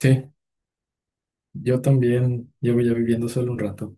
Sí, yo también llevo ya viviendo solo un rato.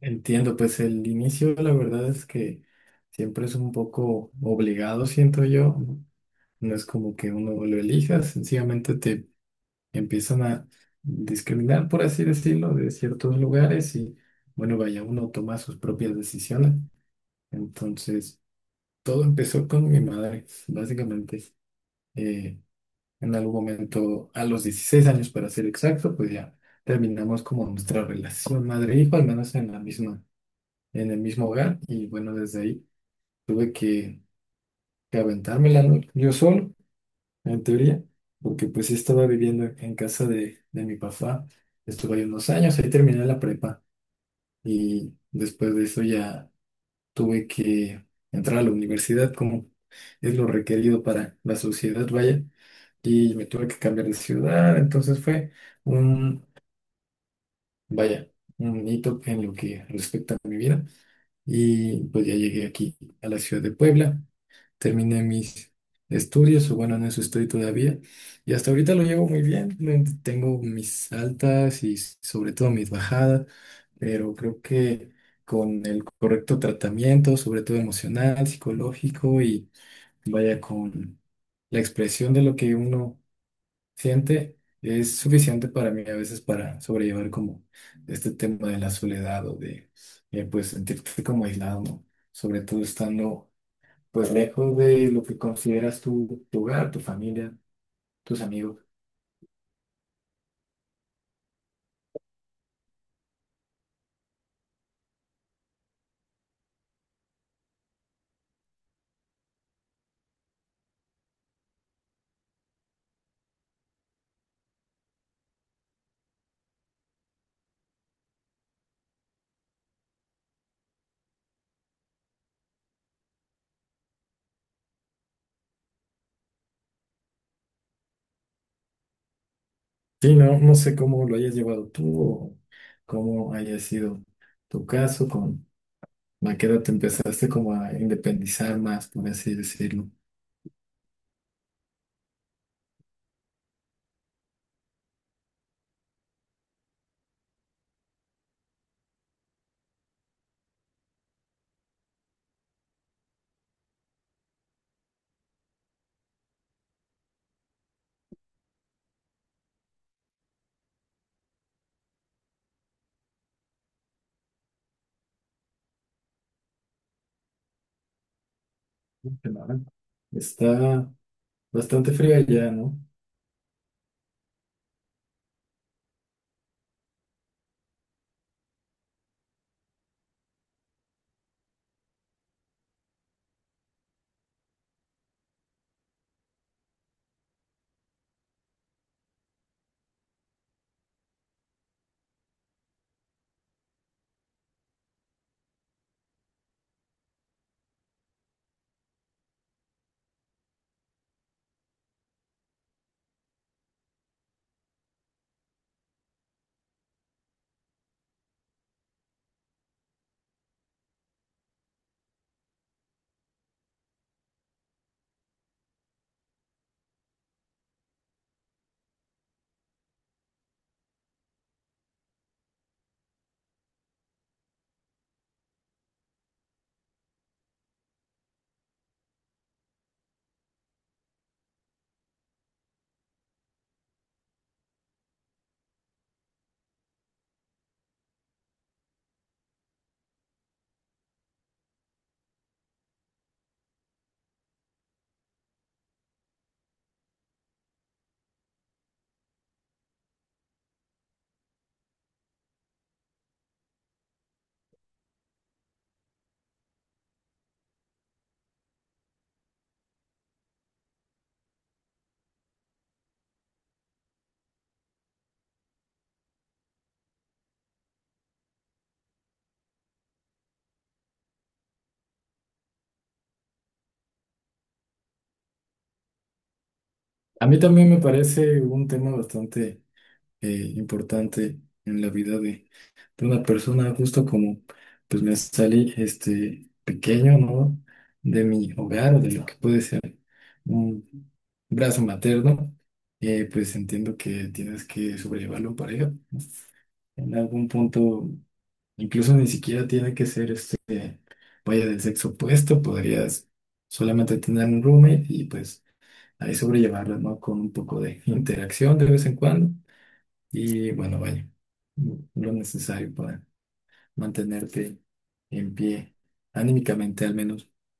Entiendo, pues el inicio, la verdad es que siempre es un poco obligado, siento yo. No No es como que uno lo elija, sencillamente te empiezan a discriminar, por así decirlo, de ciertos lugares y bueno, vaya, uno toma sus propias decisiones. Entonces, todo empezó con mi madre, básicamente. Eh, en algún momento, a los 16 años para ser exacto, pues ya terminamos como nuestra relación madre-hijo, al menos en la misma, en el mismo hogar. Y bueno, desde ahí tuve que, que aventármela, ¿no? Yo solo, en teoría, porque pues sí estaba viviendo en casa de mi papá. Estuve ahí unos años, ahí terminé la prepa y después de eso ya tuve que entrar a la universidad como es lo requerido para la sociedad, vaya. Y me tuve que cambiar de ciudad, entonces fue un, vaya, un hito en lo que respecta a mi vida y pues ya llegué aquí a la ciudad de Puebla, terminé mis estudios, o bueno, en eso estoy todavía y hasta ahorita lo llevo muy bien, tengo mis altas y sobre todo mis bajadas, pero creo que con el correcto tratamiento, sobre todo emocional, psicológico y vaya con la expresión de lo que uno siente, es suficiente para mí a veces para sobrellevar como este tema de la soledad o de pues sentirte como aislado, ¿no? Sobre todo estando pues lejos de lo que consideras tu hogar, tu familia, tus amigos. Sí, no, no sé cómo lo hayas llevado tú o cómo haya sido tu caso, con a qué edad te empezaste como a independizar más, por así decirlo. Ujú. Está bastante fría ya, ¿no? A mí también me parece un tema bastante importante en la vida de una persona, justo como pues me salí este pequeño, ¿no? De mi hogar o de lo que puede ser un brazo materno, pues entiendo que tienes que sobrellevarlo en pareja. ¿No? En algún punto, incluso ni siquiera tiene que ser este, vaya del sexo opuesto, podrías solamente tener un roommate y pues ahí sobrellevarlas, ¿no? Con un poco de interacción de vez en cuando y bueno, vaya, lo necesario para mantenerte en pie, anímicamente al menos.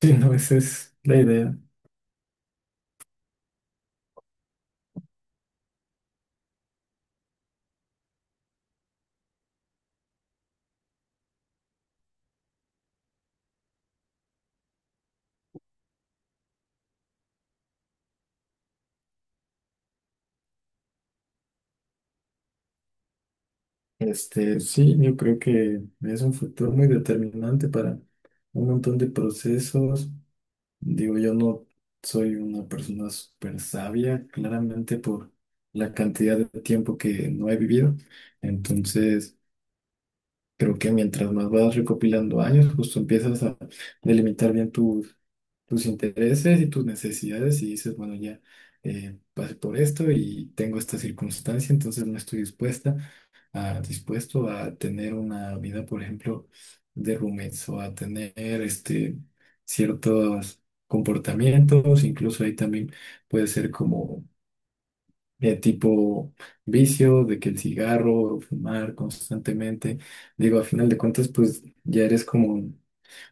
Sí, no, esa es la idea. Este, sí, yo creo que es un factor muy determinante para un montón de procesos. Digo, yo no soy una persona súper sabia, claramente por la cantidad de tiempo que no he vivido. Entonces, creo que mientras más vas recopilando años, justo empiezas a delimitar bien tus intereses y tus necesidades y dices, bueno, ya pasé por esto y tengo esta circunstancia, entonces no estoy dispuesto a tener una vida, por ejemplo, de roommates o a tener este, ciertos comportamientos, incluso ahí también puede ser como tipo vicio, de que el cigarro o fumar constantemente. Digo, a final de cuentas, pues ya eres como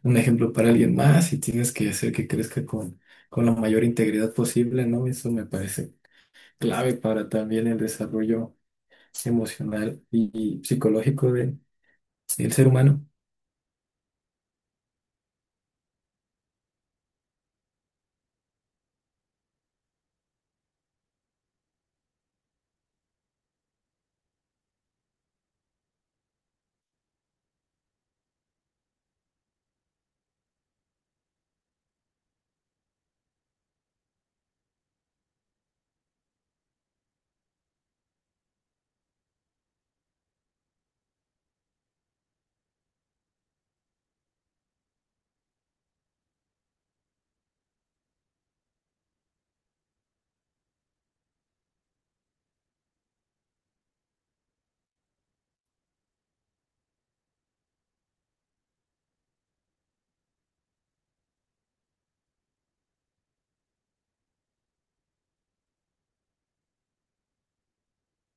un ejemplo para alguien más y tienes que hacer que crezca con la mayor integridad posible, ¿no? Eso me parece clave para también el desarrollo emocional y psicológico de, del ser humano.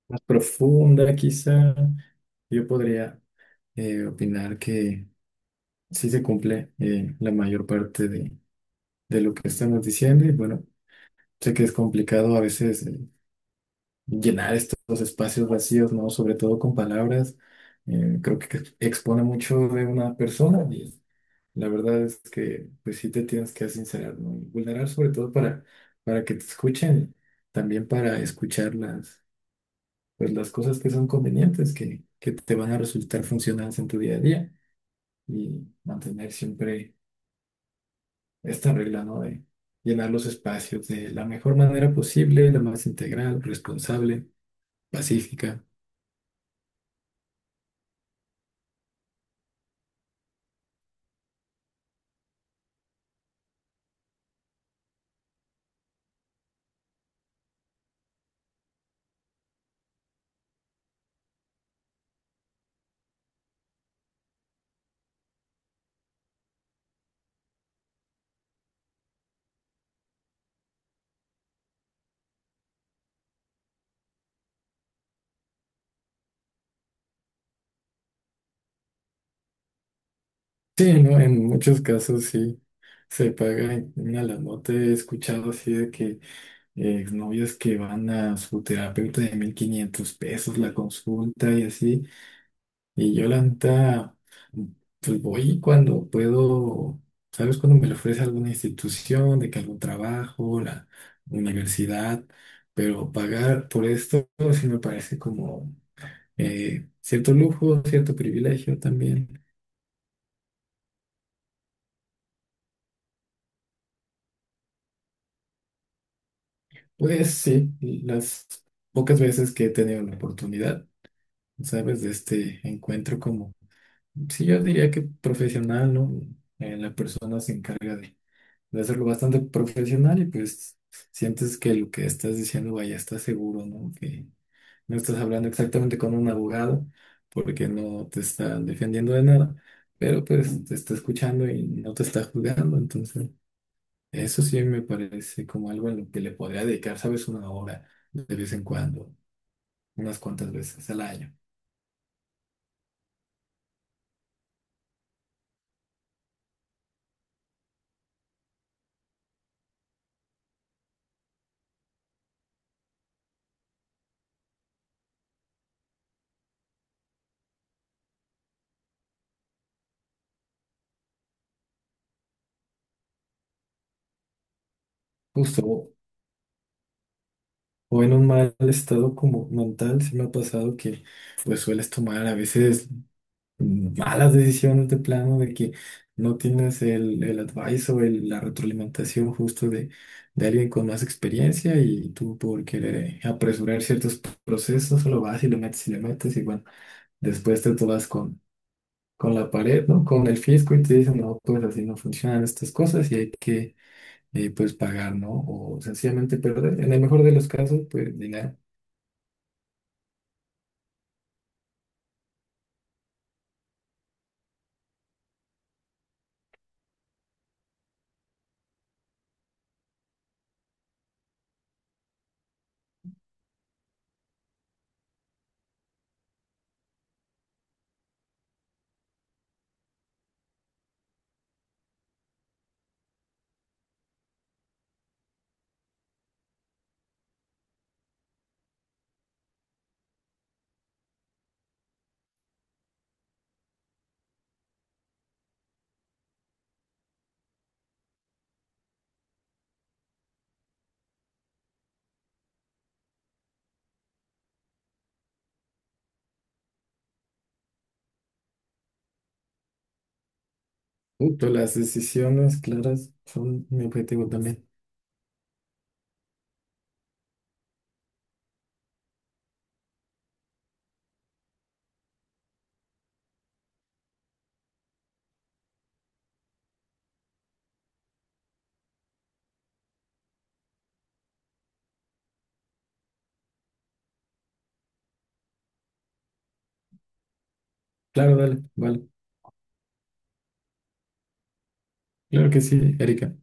Más profunda, quizá, yo podría opinar que sí se cumple la mayor parte de lo que estamos diciendo y bueno. Sé que es complicado a veces llenar estos espacios vacíos, ¿no? Sobre todo con palabras. Creo que expone mucho de una persona y la verdad es que pues sí te tienes que sincerar, ¿no? Y vulnerar sobre todo para que te escuchen, también para escuchar las, pues, las cosas que son convenientes, que te van a resultar funcionales en tu día a día y mantener siempre esta regla, ¿no? De llenar los espacios de la mejor manera posible, la más integral, responsable, pacífica. Sí, ¿no? En muchos casos sí se paga una la nota. He escuchado así de que novios que van a su terapeuta de 1500 pesos la consulta y así. Y yo la neta, pues voy cuando puedo, ¿sabes? Cuando me lo ofrece alguna institución, de que algún trabajo, la universidad, pero pagar por esto sí me parece como cierto lujo, cierto privilegio también. Pues sí, las pocas veces que he tenido la oportunidad, ¿sabes? De este encuentro como, sí, yo diría que profesional, ¿no? La persona se encarga de hacerlo bastante profesional y pues sientes que lo que estás diciendo, vaya, estás seguro, ¿no? Que no estás hablando exactamente con un abogado porque no te está defendiendo de nada, pero pues te está escuchando y no te está juzgando, entonces... Eso sí me parece como algo en lo que le podría dedicar, ¿sabes? Una hora de vez en cuando, unas cuantas veces al año. Justo, o en un mal estado como mental, sí me ha pasado que pues sueles tomar a veces malas decisiones de plano, de que no tienes el advice o la retroalimentación justo de alguien con más experiencia y tú por querer apresurar ciertos procesos, solo vas y le metes y le metes y bueno, después te tomas con la pared, ¿no? Con el fisco y te dicen, no, pues así no funcionan estas cosas y hay que, pues, pagar, ¿no? O sencillamente perder. En el mejor de los casos, pues, dinero. Justo las decisiones claras son mi objetivo también. Claro, dale, vale. Claro que sí, Erika.